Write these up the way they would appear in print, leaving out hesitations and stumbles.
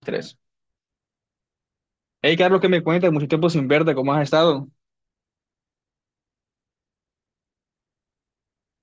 Tres. Hey, Carlos, ¿qué me cuentas? Mucho tiempo sin verte, ¿cómo has estado?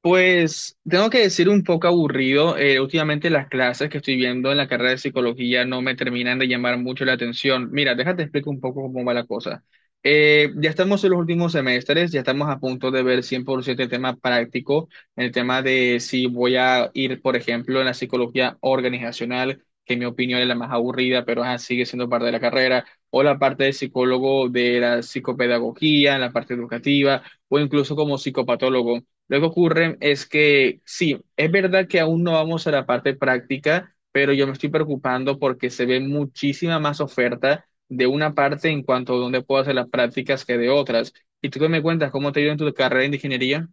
Pues tengo que decir un poco aburrido. Últimamente las clases que estoy viendo en la carrera de psicología no me terminan de llamar mucho la atención. Mira, déjate explico un poco cómo va la cosa. Ya estamos en los últimos semestres, ya estamos a punto de ver 100% el tema práctico, el tema de si voy a ir, por ejemplo, en la psicología organizacional, que en mi opinión es la más aburrida, pero ajá, sigue siendo parte de la carrera, o la parte de psicólogo de la psicopedagogía, la parte educativa, o incluso como psicopatólogo. Lo que ocurre es que sí, es verdad que aún no vamos a la parte práctica, pero yo me estoy preocupando porque se ve muchísima más oferta de una parte en cuanto a dónde puedo hacer las prácticas que de otras. Y tú qué me cuentas, ¿cómo te ha ido en tu carrera de ingeniería?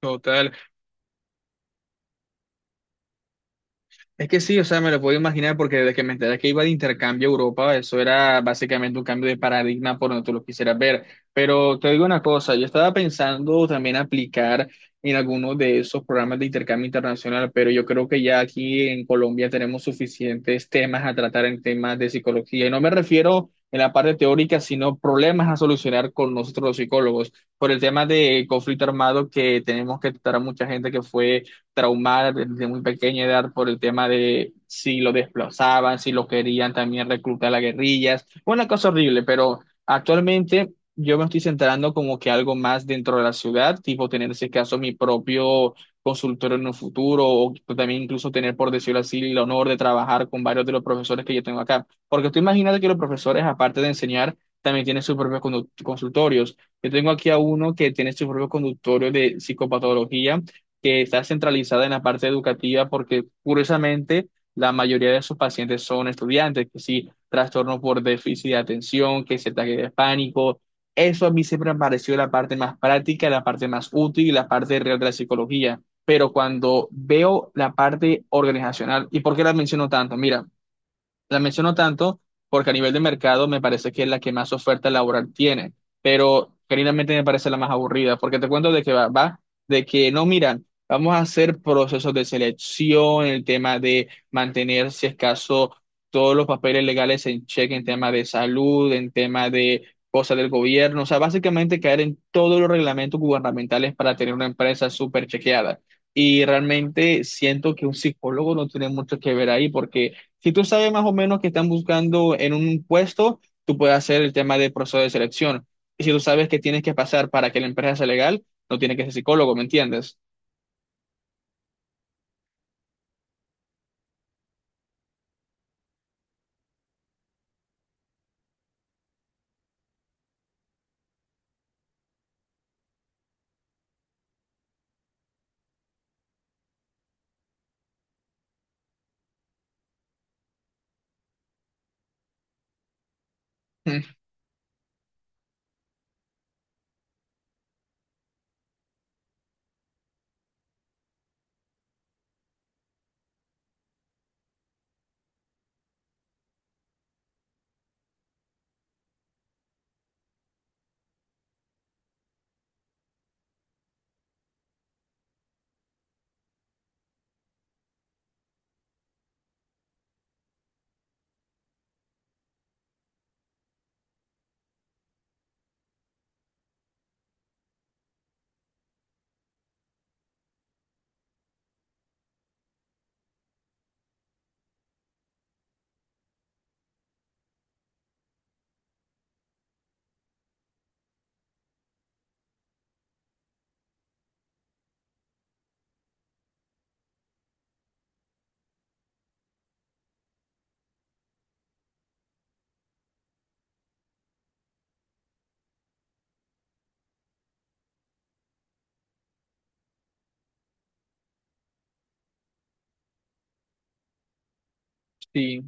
Total. Es que sí, o sea, me lo puedo imaginar porque desde que me enteré que iba de intercambio a Europa, eso era básicamente un cambio de paradigma por donde tú lo quisieras ver. Pero te digo una cosa, yo estaba pensando también aplicar en alguno de esos programas de intercambio internacional, pero yo creo que ya aquí en Colombia tenemos suficientes temas a tratar en temas de psicología. Y no me refiero en la parte teórica, sino problemas a solucionar con nosotros los psicólogos. Por el tema de conflicto armado que tenemos que tratar a mucha gente que fue traumar desde muy pequeña edad por el tema de si lo desplazaban, si lo querían también reclutar a guerrillas. Una cosa horrible, pero actualmente yo me estoy centrando como que algo más dentro de la ciudad, tipo tener en ese caso mi propio consultorio en un futuro o también incluso tener, por decirlo así, el honor de trabajar con varios de los profesores que yo tengo acá. Porque tú imagínate que los profesores, aparte de enseñar, también tienen sus propios consultorios. Yo tengo aquí a uno que tiene su propio consultorio de psicopatología que está centralizada en la parte educativa porque curiosamente la mayoría de sus pacientes son estudiantes, que sí, trastorno por déficit de atención, que es ataque de pánico. Eso a mí siempre me pareció la parte más práctica, la parte más útil y la parte real de la psicología. Pero cuando veo la parte organizacional, ¿y por qué la menciono tanto? Mira. La menciono tanto porque a nivel de mercado me parece que es la que más oferta laboral tiene, pero genuinamente me parece la más aburrida, porque te cuento de que va, de que no miran, vamos a hacer procesos de selección, el tema de mantener, si es caso, todos los papeles legales en cheque, en tema de salud, en tema de cosas del gobierno, o sea, básicamente caer en todos los reglamentos gubernamentales para tener una empresa súper chequeada. Y realmente siento que un psicólogo no tiene mucho que ver ahí porque si tú sabes más o menos que están buscando en un puesto, tú puedes hacer el tema de proceso de selección. Y si tú sabes que tienes que pasar para que la empresa sea legal, no tienes que ser psicólogo, ¿me entiendes? Sí.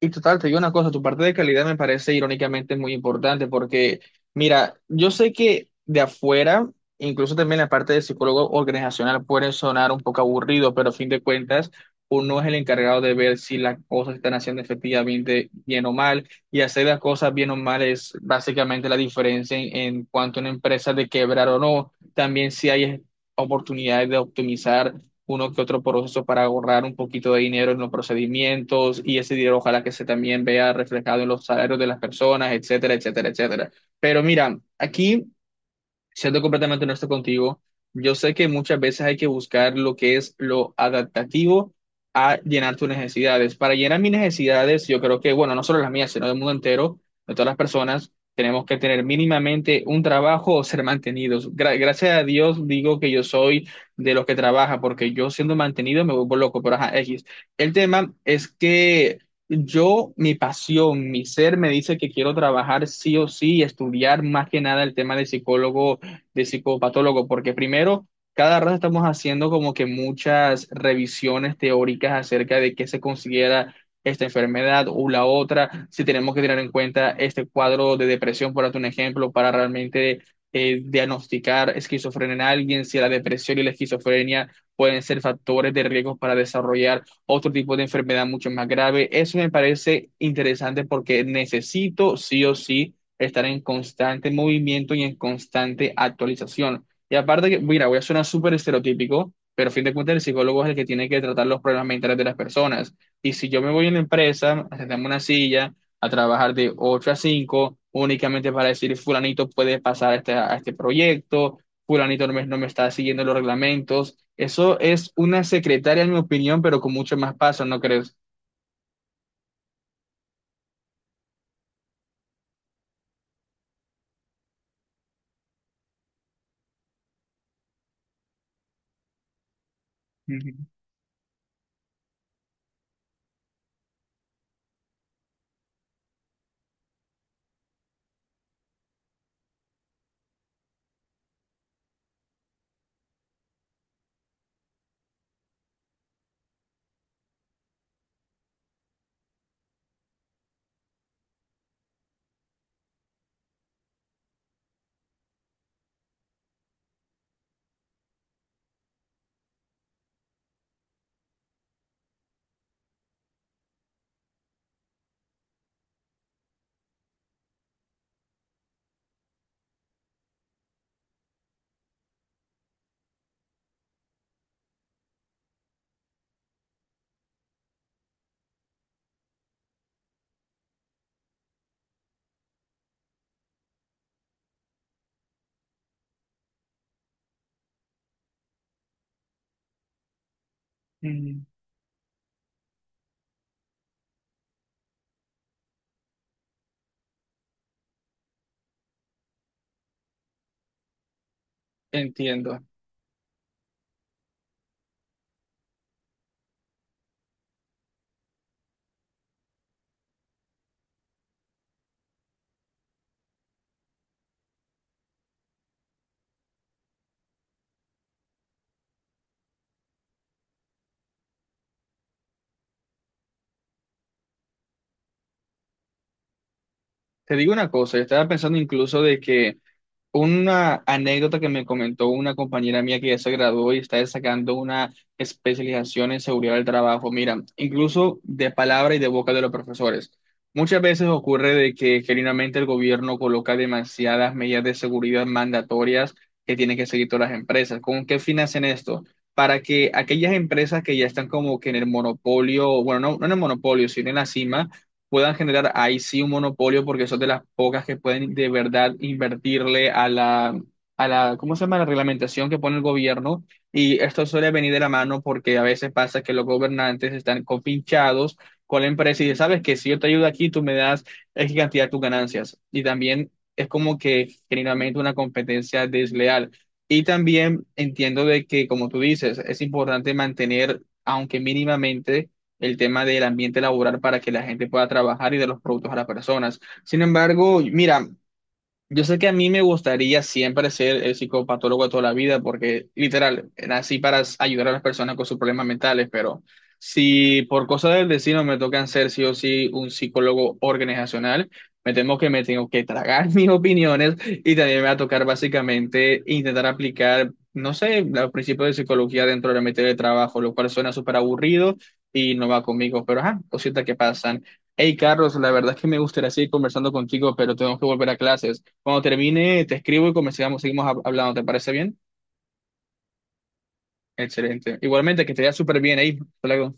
Y total, te digo una cosa, tu parte de calidad me parece irónicamente muy importante porque, mira, yo sé que de afuera, incluso también la parte de psicólogo organizacional puede sonar un poco aburrido, pero a fin de cuentas, uno es el encargado de ver si las cosas se están haciendo efectivamente bien o mal, y hacer las cosas bien o mal es básicamente la diferencia en cuanto a una empresa de quebrar o no, también si hay oportunidades de optimizar uno que otro proceso para ahorrar un poquito de dinero en los procedimientos y ese dinero ojalá que se también vea reflejado en los salarios de las personas, etcétera, etcétera, etcétera. Pero mira, aquí siendo completamente honesto contigo, yo sé que muchas veces hay que buscar lo que es lo adaptativo a llenar tus necesidades. Para llenar mis necesidades, yo creo que, bueno, no solo las mías, sino del mundo entero, de todas las personas, tenemos que tener mínimamente un trabajo o ser mantenidos. Gracias a Dios digo que yo soy de los que trabaja, porque yo siendo mantenido me vuelvo loco, pero ajá, X. El tema es que... Yo, mi pasión, mi ser me dice que quiero trabajar sí o sí, estudiar más que nada el tema de psicólogo de psicopatólogo, porque primero, cada rato estamos haciendo como que muchas revisiones teóricas acerca de qué se considera esta enfermedad o la otra, si tenemos que tener en cuenta este cuadro de depresión, por darte un ejemplo, para realmente diagnosticar esquizofrenia en alguien, si la depresión y la esquizofrenia pueden ser factores de riesgo para desarrollar otro tipo de enfermedad mucho más grave. Eso me parece interesante porque necesito sí o sí estar en constante movimiento y en constante actualización. Y aparte que, mira, voy a sonar súper estereotípico, pero a fin de cuentas el psicólogo es el que tiene que tratar los problemas mentales de las personas. Y si yo me voy a una empresa, a sentarme en una silla, a trabajar de 8 a 5 únicamente para decir, fulanito puede pasar a este proyecto, fulanito no me está siguiendo los reglamentos, eso es una secretaria, en mi opinión, pero con mucho más paso, ¿no crees? Ujú, ujú. Entiendo. Te digo una cosa, yo estaba pensando incluso de que una anécdota que me comentó una compañera mía que ya se graduó y está sacando una especialización en seguridad del trabajo. Mira, incluso de palabra y de boca de los profesores. Muchas veces ocurre de que genuinamente el gobierno coloca demasiadas medidas de seguridad mandatorias que tienen que seguir todas las empresas. ¿Con qué fin hacen esto? Para que aquellas empresas que ya están como que en el monopolio, bueno, no en el monopolio, sino en la cima puedan generar ahí sí un monopolio porque son de las pocas que pueden de verdad invertirle a la, ¿cómo se llama? La reglamentación que pone el gobierno. Y esto suele venir de la mano porque a veces pasa que los gobernantes están compinchados con la empresa y dicen, sabes que si yo te ayudo aquí, tú me das X cantidad de tus ganancias. Y también es como que generalmente una competencia desleal. Y también entiendo de que, como tú dices, es importante mantener, aunque mínimamente, el tema del ambiente laboral para que la gente pueda trabajar y de los productos a las personas. Sin embargo, mira, yo sé que a mí me gustaría siempre ser el psicopatólogo de toda la vida, porque literal, nací para ayudar a las personas con sus problemas mentales, pero si por cosas del destino me tocan ser sí o sí un psicólogo organizacional, me temo que me tengo que tragar mis opiniones y también me va a tocar básicamente intentar aplicar, no sé, los principios de psicología dentro de la materia de trabajo, lo cual suena súper aburrido y no va conmigo, pero ajá, cositas que pasan. Hey Carlos, la verdad es que me gustaría seguir conversando contigo, pero tengo que volver a clases. Cuando termine, te escribo y comenzamos, seguimos hablando. ¿Te parece bien? Excelente. Igualmente, que te vea súper bien ahí. Hasta luego.